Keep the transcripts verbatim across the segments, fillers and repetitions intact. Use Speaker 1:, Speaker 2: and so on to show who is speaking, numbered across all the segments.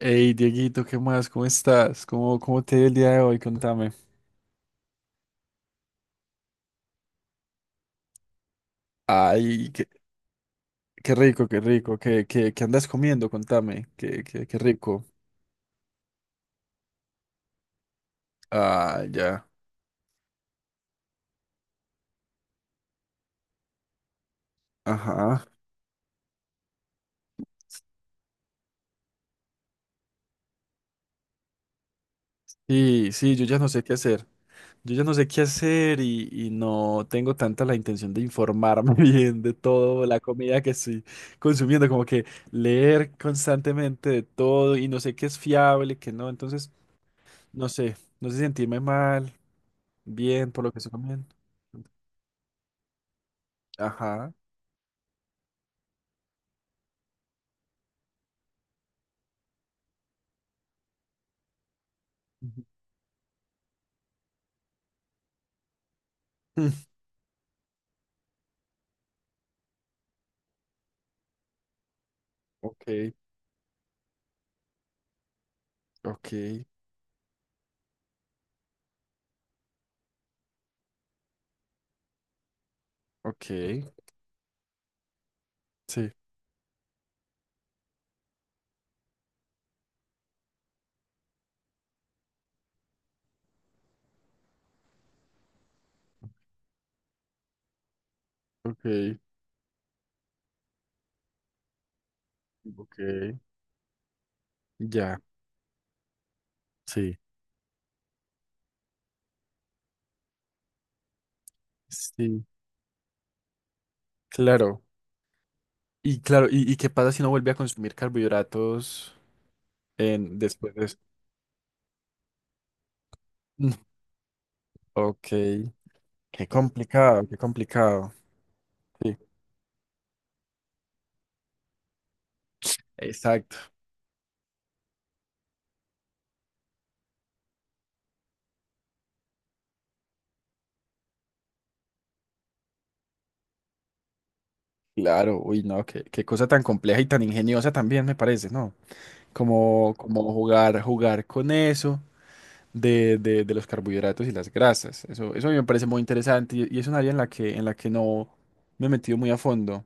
Speaker 1: Hey, Dieguito, ¿qué más? ¿Cómo estás? ¿Cómo, cómo te ha ido el día de hoy? Contame. Ay, qué, qué rico, qué rico. ¿Qué, qué, qué andas comiendo? Contame. Qué, qué, qué rico. Ah, ya. Ajá. Sí, sí, yo ya no sé qué hacer. Yo ya no sé qué hacer y, y no tengo tanta la intención de informarme bien de todo la comida que estoy consumiendo. Como que leer constantemente de todo y no sé qué es fiable, qué no. Entonces, no sé. No sé si sentirme mal, bien por lo que estoy comiendo. Ajá. Ujú. Ok, ok, ok, sí, ok, ok, ya, sí, sí, claro. Y claro, ¿y, y qué pasa si no vuelve a consumir carbohidratos en, después de eso? Mm. Ok, qué complicado, qué complicado. Sí, exacto, claro, uy, no, qué, qué cosa tan compleja y tan ingeniosa también me parece, ¿no? Como, como jugar, jugar con eso. de, de- de los carbohidratos y las grasas. Eso, eso a mí me parece muy interesante y, y es un área en la que, en la que no me he metido muy a fondo,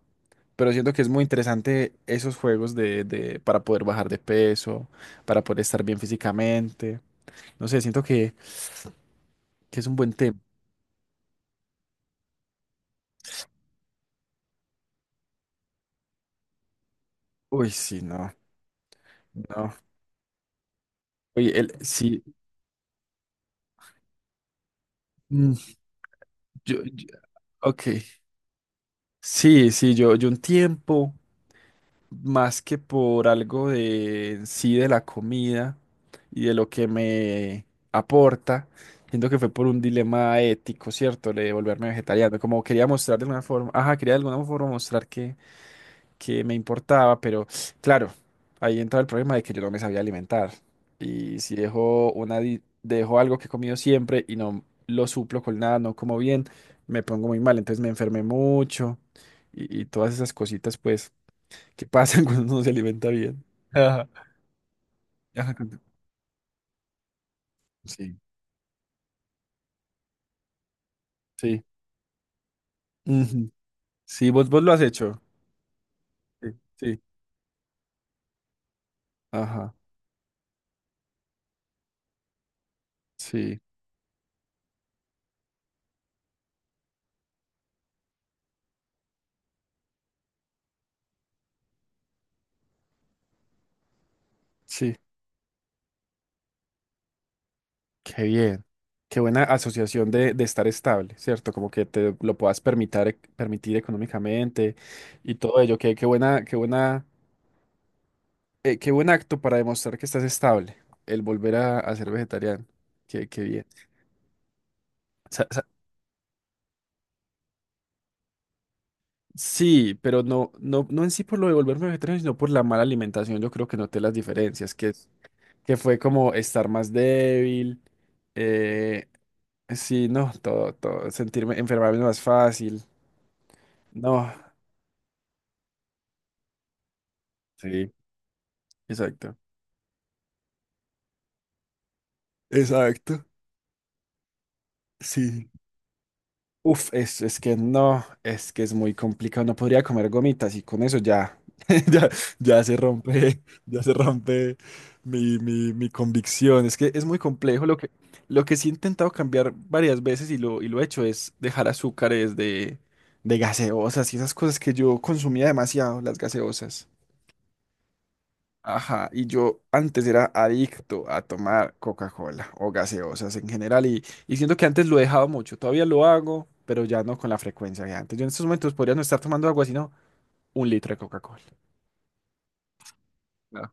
Speaker 1: pero siento que es muy interesante esos juegos de, de- para poder bajar de peso, para poder estar bien físicamente. No sé, siento que, que es un buen tema. Uy, sí, no, no. Oye, el, sí, mm, yo, yo- ok. Sí, sí, yo, yo un tiempo. Más que por algo de en sí de la comida y de lo que me aporta, siento que fue por un dilema ético, ¿cierto? Le de volverme vegetariano, como quería mostrar de alguna forma, ajá, quería de alguna forma mostrar que, que me importaba, pero claro, ahí entraba el problema de que yo no me sabía alimentar. Y si dejo una di- dejo algo que he comido siempre y no lo suplo con nada, no como bien, me pongo muy mal, entonces me enfermé mucho y y todas esas cositas, pues que pasan cuando uno se alimenta bien. Ajá. Ajá, con- sí, sí. Ujú. Sí, vos, vos lo has hecho. Sí, sí, ajá, sí, sí. Qué bien. Qué buena asociación de, de estar estable, ¿cierto? Como que te lo puedas permitir, permitir económicamente y todo ello. Qué, qué buena, qué buena, eh, qué buen acto para demostrar que estás estable, el volver a, a ser vegetariano. Qué, qué bien. Sa- sa- Sí, pero no, no, no en sí por lo de volverme vegetariano, sino por la mala alimentación. Yo creo que noté las diferencias, que, es- que fue como estar más débil, eh, sí, no, todo, todo, sentirme, enfermarme más fácil. No, sí, exacto. Exacto, sí. Uf, es, es que no, es que es muy complicado. No podría comer gomitas y con eso ya, ya, ya se rompe, ya se rompe mi, mi, mi convicción. Es que es muy complejo. Lo que, lo que sí he intentado cambiar varias veces y lo, y lo he hecho es dejar azúcares de, de gaseosas y esas cosas que yo consumía demasiado, las gaseosas. Ajá, y yo antes era adicto a tomar Coca-Cola o gaseosas en general y, y siento que antes lo he dejado mucho, todavía lo hago, pero ya no con la frecuencia de antes. Yo en estos momentos podría no estar tomando agua, sino un litro de Coca-Cola. Ah,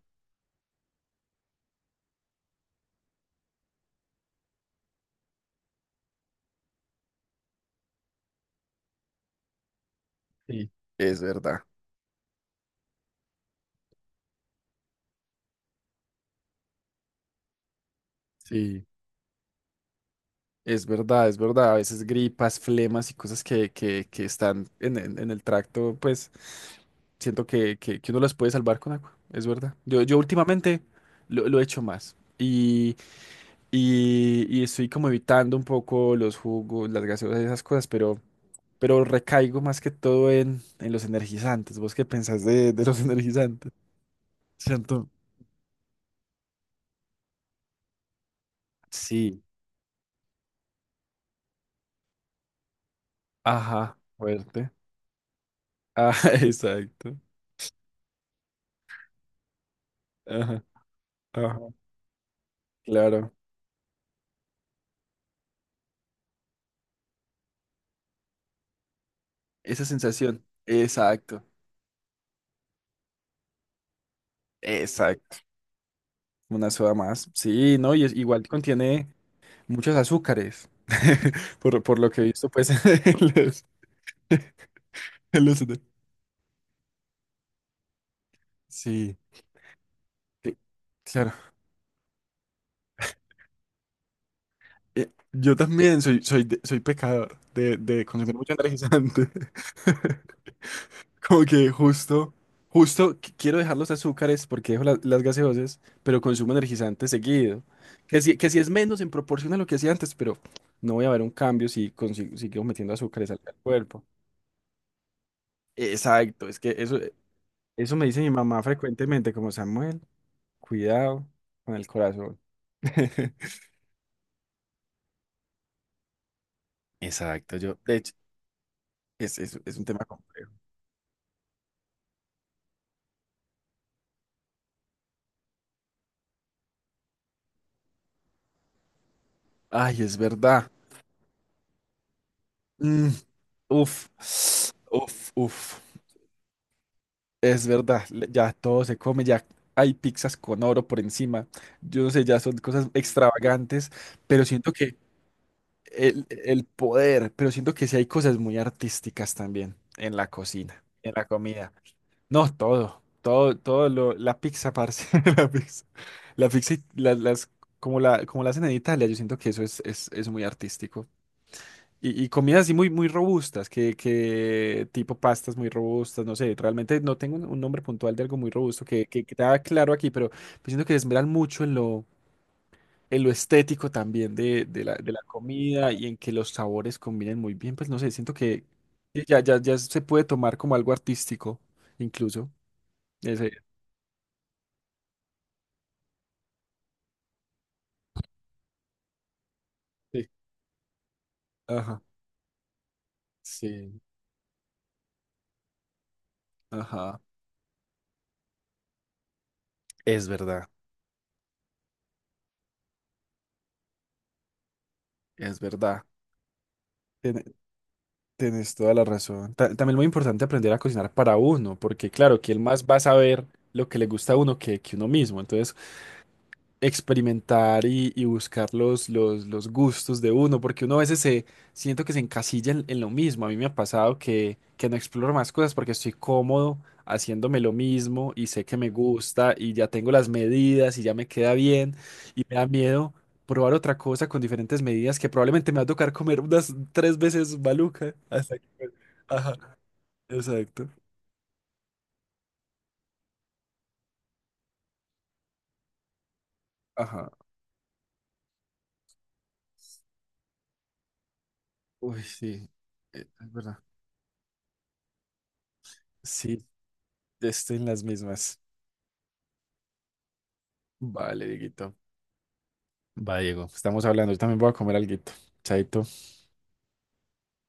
Speaker 1: sí. Es verdad, sí. Es verdad, es verdad. A veces gripas, flemas y cosas que, que, que están en, en- en el tracto, pues siento que, que, que uno las puede salvar con agua, es verdad. Yo, yo últimamente lo, lo he hecho más. Y, y estoy como evitando un poco los jugos, las gaseosas y esas cosas, pero, pero recaigo más que todo en, en los energizantes. ¿Vos qué pensás de, de los energizantes? Siento. Sí. Ajá. Fuerte. Ah, exacto. Ajá. Ajá. Claro. Esa sensación. Exacto. Exacto. Una soda más. Sí, no, y es, igual contiene muchos azúcares. Por, por lo que he visto, pues, en los, en los- Sí. Sí. Eh, yo también soy, soy, de- soy pecador de, de consumir mucho energizante. Como que justo, justo qu- quiero dejar los azúcares porque dejo la- las gaseosas, pero consumo energizante seguido. Que si, que si es menos en proporción a lo que hacía antes, pero no voy a ver un cambio si consigo, si sigo metiendo azúcares al, al cuerpo. Exacto, es que eso, eso me dice mi mamá frecuentemente, como Samuel, cuidado con el corazón. Exacto, yo, de hecho, es, es, es un tema complejo. Ay, es verdad. Mm, uf, uf, uf. Es verdad, le- ya todo se come, ya hay pizzas con oro por encima. Yo no sé, ya son cosas extravagantes, pero siento que el, el poder, pero siento que sí hay cosas muy artísticas también en la cocina, en la comida. No, todo, todo, todo lo, la pizza, parce, la pizza. La pizza, y la- las, como la, como la hacen en Italia, yo siento que eso es, es, es muy artístico. Y, y comidas así muy, muy robustas, que, que tipo pastas muy robustas, no sé, realmente no tengo un, un nombre puntual de algo muy robusto que, que queda claro aquí, pero pues siento que se esmeran mucho en lo, en lo estético también de, de la, de la comida y en que los sabores combinen muy bien, pues no sé, siento que que ya, ya, ya se puede tomar como algo artístico, incluso. Ese, sí. Ajá. Sí. Ajá. Es verdad, es verdad. Tiene- Tienes toda la razón. Ta- también muy importante aprender a cocinar para uno, porque claro, que él más va a saber lo que le gusta a uno que, que uno mismo. Entonces, experimentar y, y buscar los, los, los gustos de uno, porque uno a veces se siento que se encasilla en, en lo mismo. A mí me ha pasado que, que no exploro más cosas porque estoy cómodo haciéndome lo mismo y sé que me gusta y ya tengo las medidas y ya me queda bien y me da miedo probar otra cosa con diferentes medidas que probablemente me va a tocar comer unas tres veces maluca hasta que... Ajá, exacto. Ajá. Uy, sí, eh, es verdad. Sí, estoy en las mismas. Vale, Dieguito. Va, Diego, estamos hablando. Yo también voy a comer alguito. Chaito.